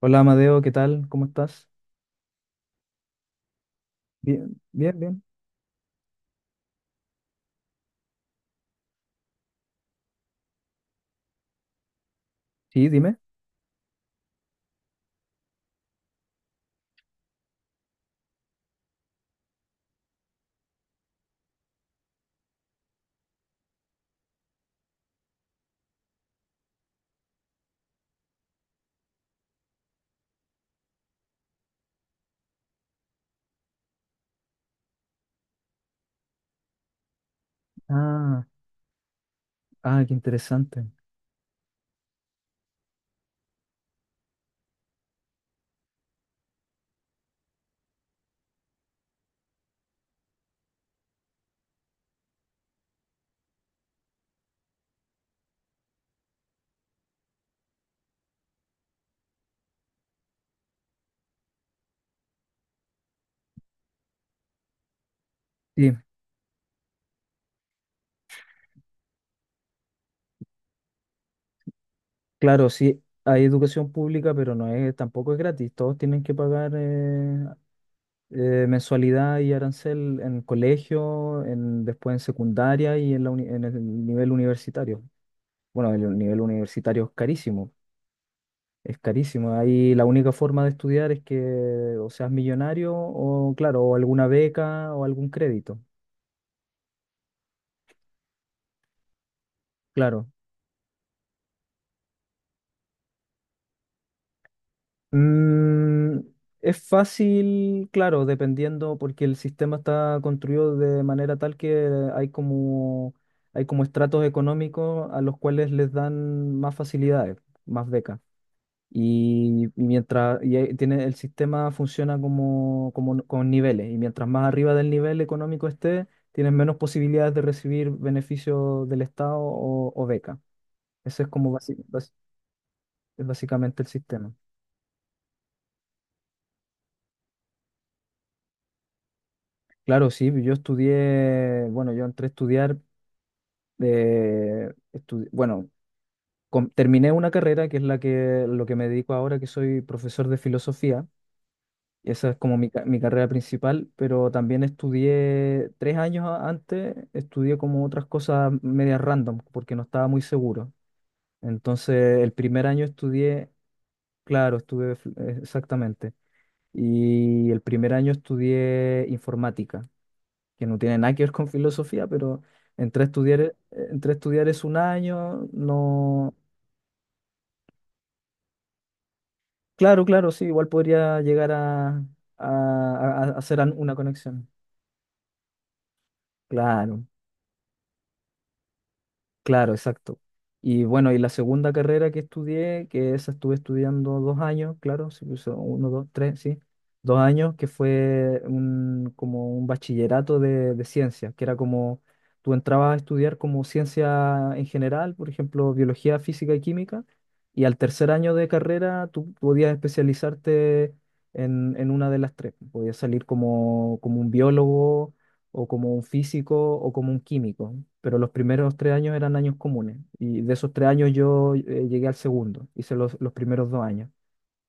Hola Amadeo, ¿qué tal? ¿Cómo estás? Bien, bien, bien. Sí, dime. Ah, ah, qué interesante. Sí, claro, sí, hay educación pública, pero no es, tampoco es gratis. Todos tienen que pagar mensualidad y arancel en colegio, después en secundaria y en el nivel universitario. Bueno, el nivel universitario es carísimo, es carísimo. Ahí la única forma de estudiar es que o seas millonario o, claro, o alguna beca o algún crédito. Claro. Mm, es fácil, claro, dependiendo, porque el sistema está construido de manera tal que hay como, hay como estratos económicos a los cuales les dan más facilidades, más becas. Y mientras y ahí tiene, el sistema funciona como con niveles, y mientras más arriba del nivel económico esté, tienes menos posibilidades de recibir beneficios del Estado o beca. Ese es como es básicamente el sistema. Claro, sí, bueno, yo entré a estudiar, bueno, terminé una carrera que es la que, lo que me dedico ahora, que soy profesor de filosofía. Esa es como mi carrera principal, pero también estudié 3 años antes. Estudié como otras cosas medias random, porque no estaba muy seguro. Entonces, el primer año estudié. Claro, estuve, exactamente. Y el primer año estudié informática, que no tiene nada que ver con filosofía, pero entré a estudiar, eh, entré a estudiar es un año, no. Claro, claro, sí, igual podría llegar a hacer una conexión. Claro. Claro, exacto. Y bueno, la segunda carrera que estudié, que esa estuve estudiando 2 años, claro, sí, pues, uno, dos, tres, sí, 2 años, que fue como un bachillerato de ciencias, que era como, tú entrabas a estudiar como ciencia en general, por ejemplo, biología, física y química, y al tercer año de carrera tú podías especializarte en una de las tres. Podías salir como un biólogo o como un físico o como un químico, pero los primeros 3 años eran años comunes, y de esos 3 años yo llegué al segundo, hice los primeros 2 años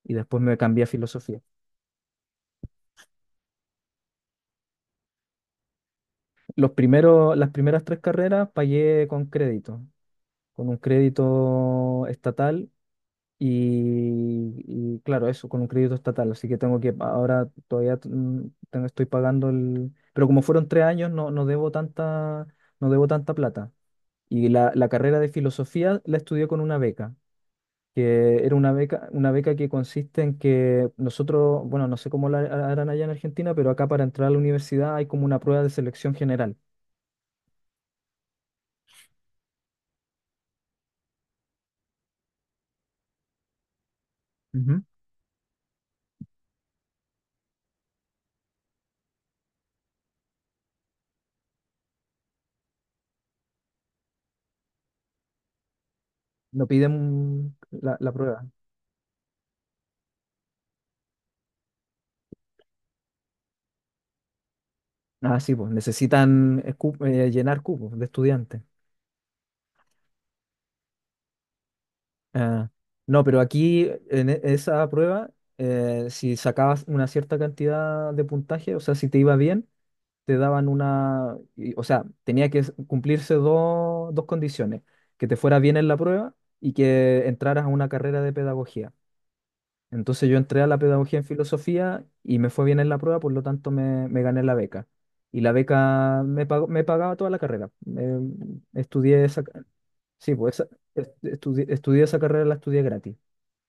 y después me cambié a filosofía. Las primeras tres carreras pagué con crédito, con un crédito estatal. Y claro, eso con un crédito estatal, así que ahora todavía estoy pagando pero como fueron 3 años, no, no debo tanta plata. Y la carrera de filosofía la estudié con una beca, que era una beca, que consiste en que nosotros, bueno, no sé cómo la harán allá en Argentina, pero acá para entrar a la universidad hay como una prueba de selección general. Ujú. No piden la prueba. Ah, sí, pues necesitan llenar cupos de estudiantes. Ah, no, pero aquí esa prueba, si sacabas una cierta cantidad de puntaje, o sea, si te iba bien, te daban una, o sea, tenía que cumplirse dos condiciones, que te fuera bien en la prueba y que entraras a una carrera de pedagogía. Entonces yo entré a la pedagogía en filosofía y me fue bien en la prueba, por lo tanto me gané la beca. Y la beca me pagaba toda la carrera. Eh, estudié esa, ca- sí, pues estudié esa carrera, la estudié gratis.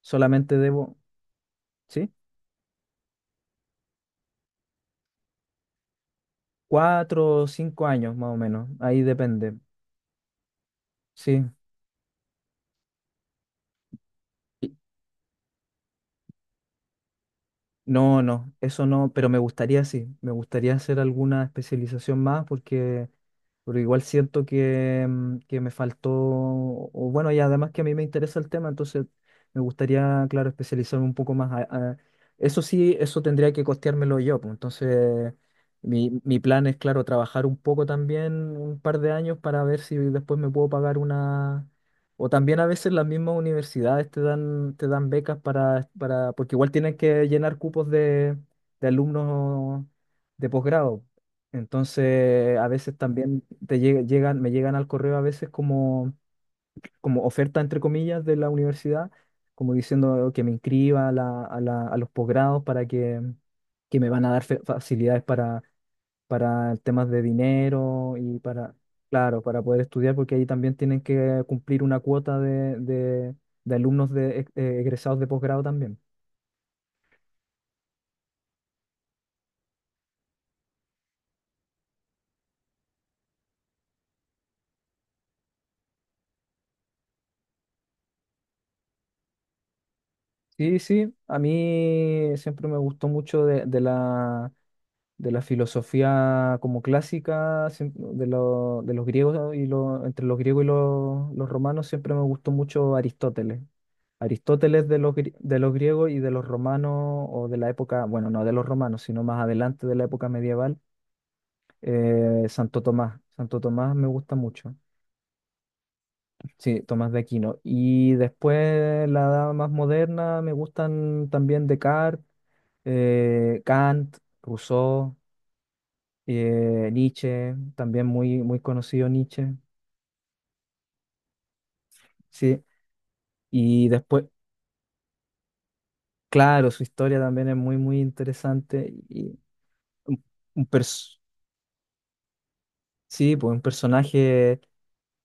Solamente debo, ¿sí? 4 o 5 años más o menos, ahí depende. Sí. No, no, eso no, pero me gustaría, sí, me gustaría hacer alguna especialización más, porque pero igual siento que me faltó, o bueno, y además que a mí me interesa el tema, entonces me gustaría, claro, especializarme un poco más. Eso sí, eso tendría que costeármelo yo, pues, entonces mi plan es, claro, trabajar un poco también un par de años para ver si después me puedo pagar una. O también a veces las mismas universidades te dan becas porque igual tienen que llenar cupos de alumnos de posgrado. Entonces, a veces también me llegan al correo a veces como oferta, entre comillas, de la universidad, como diciendo que me inscriba a los posgrados para que me van a dar facilidades para temas de dinero y para, claro, para poder estudiar, porque ahí también tienen que cumplir una cuota de alumnos egresados de posgrado también. Sí, sí, a mí siempre me gustó mucho de la filosofía como clásica, de los griegos entre los griegos y los romanos siempre me gustó mucho Aristóteles. Aristóteles de los griegos, y de los romanos o de la época, bueno, no de los romanos, sino más adelante de la época medieval, Santo Tomás. Santo Tomás me gusta mucho. Sí, Tomás de Aquino. Y después la edad más moderna me gustan también Descartes, Kant, Rousseau. Nietzsche, también muy, muy conocido Nietzsche, ¿sí? Y después, claro, su historia también es muy, muy interesante. Y un, un pers- sí, pues un personaje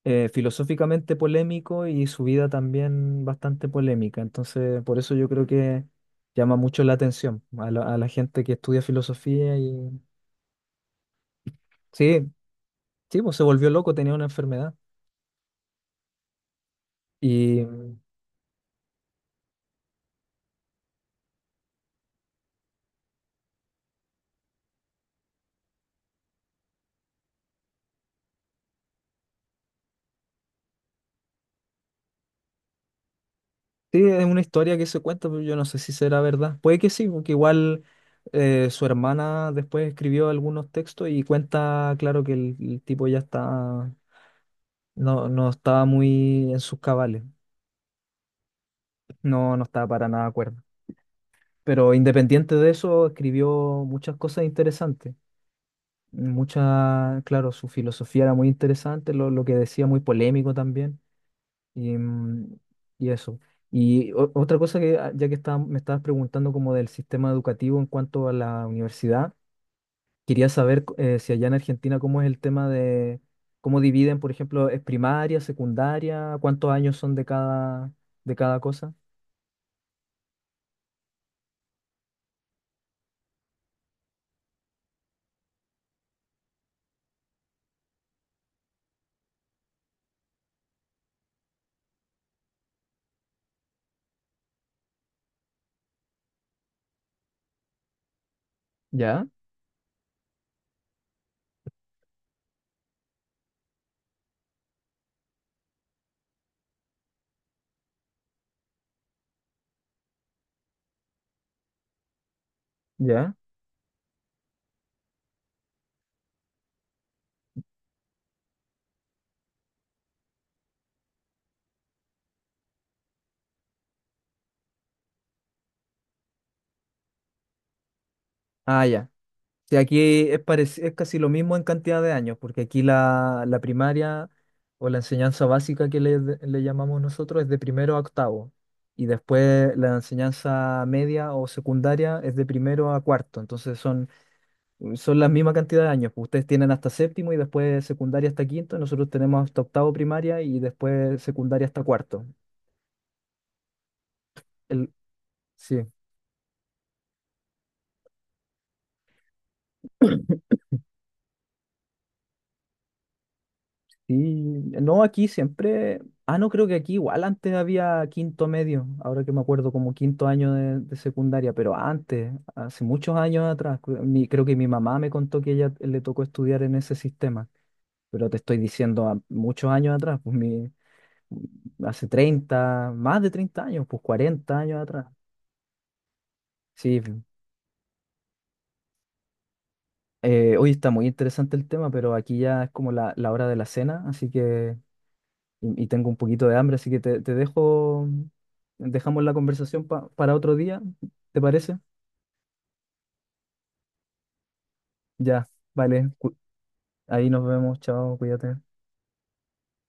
filosóficamente polémico, y su vida también bastante polémica. Entonces, por eso yo creo que llama mucho la atención a la gente que estudia filosofía y. Sí, sí, pues se volvió loco, tenía una enfermedad. Sí, es una historia que se cuenta, pero yo no sé si será verdad. Puede que sí, porque igual su hermana después escribió algunos textos y cuenta, claro, que el tipo ya está, no, no estaba muy en sus cabales, no, no estaba para nada de acuerdo. Pero independiente de eso, escribió muchas cosas interesantes. Mucha, claro, su filosofía era muy interesante. Lo que decía muy polémico también. Y, mm, y eso. Y otra cosa que, ah, ya que me estabas preguntando como del sistema educativo en cuanto a la universidad, quería saber si allá en Argentina cómo es el tema de cómo dividen, por ejemplo, es primaria, secundaria, cuántos años son de cada cosa. ¿Ya? ¿Ya? Ah, ya. Sí, aquí es casi lo mismo en cantidad de años, porque aquí la primaria o la enseñanza básica que le llamamos nosotros es de primero a octavo, y después la enseñanza media o secundaria es de primero a cuarto, entonces son la misma cantidad de años. Pues ustedes tienen hasta séptimo y después secundaria hasta quinto, nosotros tenemos hasta octavo primaria y después secundaria hasta cuarto. El, sí. Sí, no, aquí siempre. Ah, no, creo que aquí igual antes había quinto medio, ahora que me acuerdo, como quinto año de secundaria, pero antes, hace muchos años atrás, creo que mi mamá me contó que ella le tocó estudiar en ese sistema, pero te estoy diciendo muchos años atrás, pues hace 30, más de 30 años, pues 40 años atrás. Sí, hoy está muy interesante el tema, pero aquí ya es como la hora de la cena, así que y tengo un poquito de hambre, así que te dejo, dejamos la conversación para otro día, ¿te parece? Ya, vale, ahí nos vemos, chao, cuídate.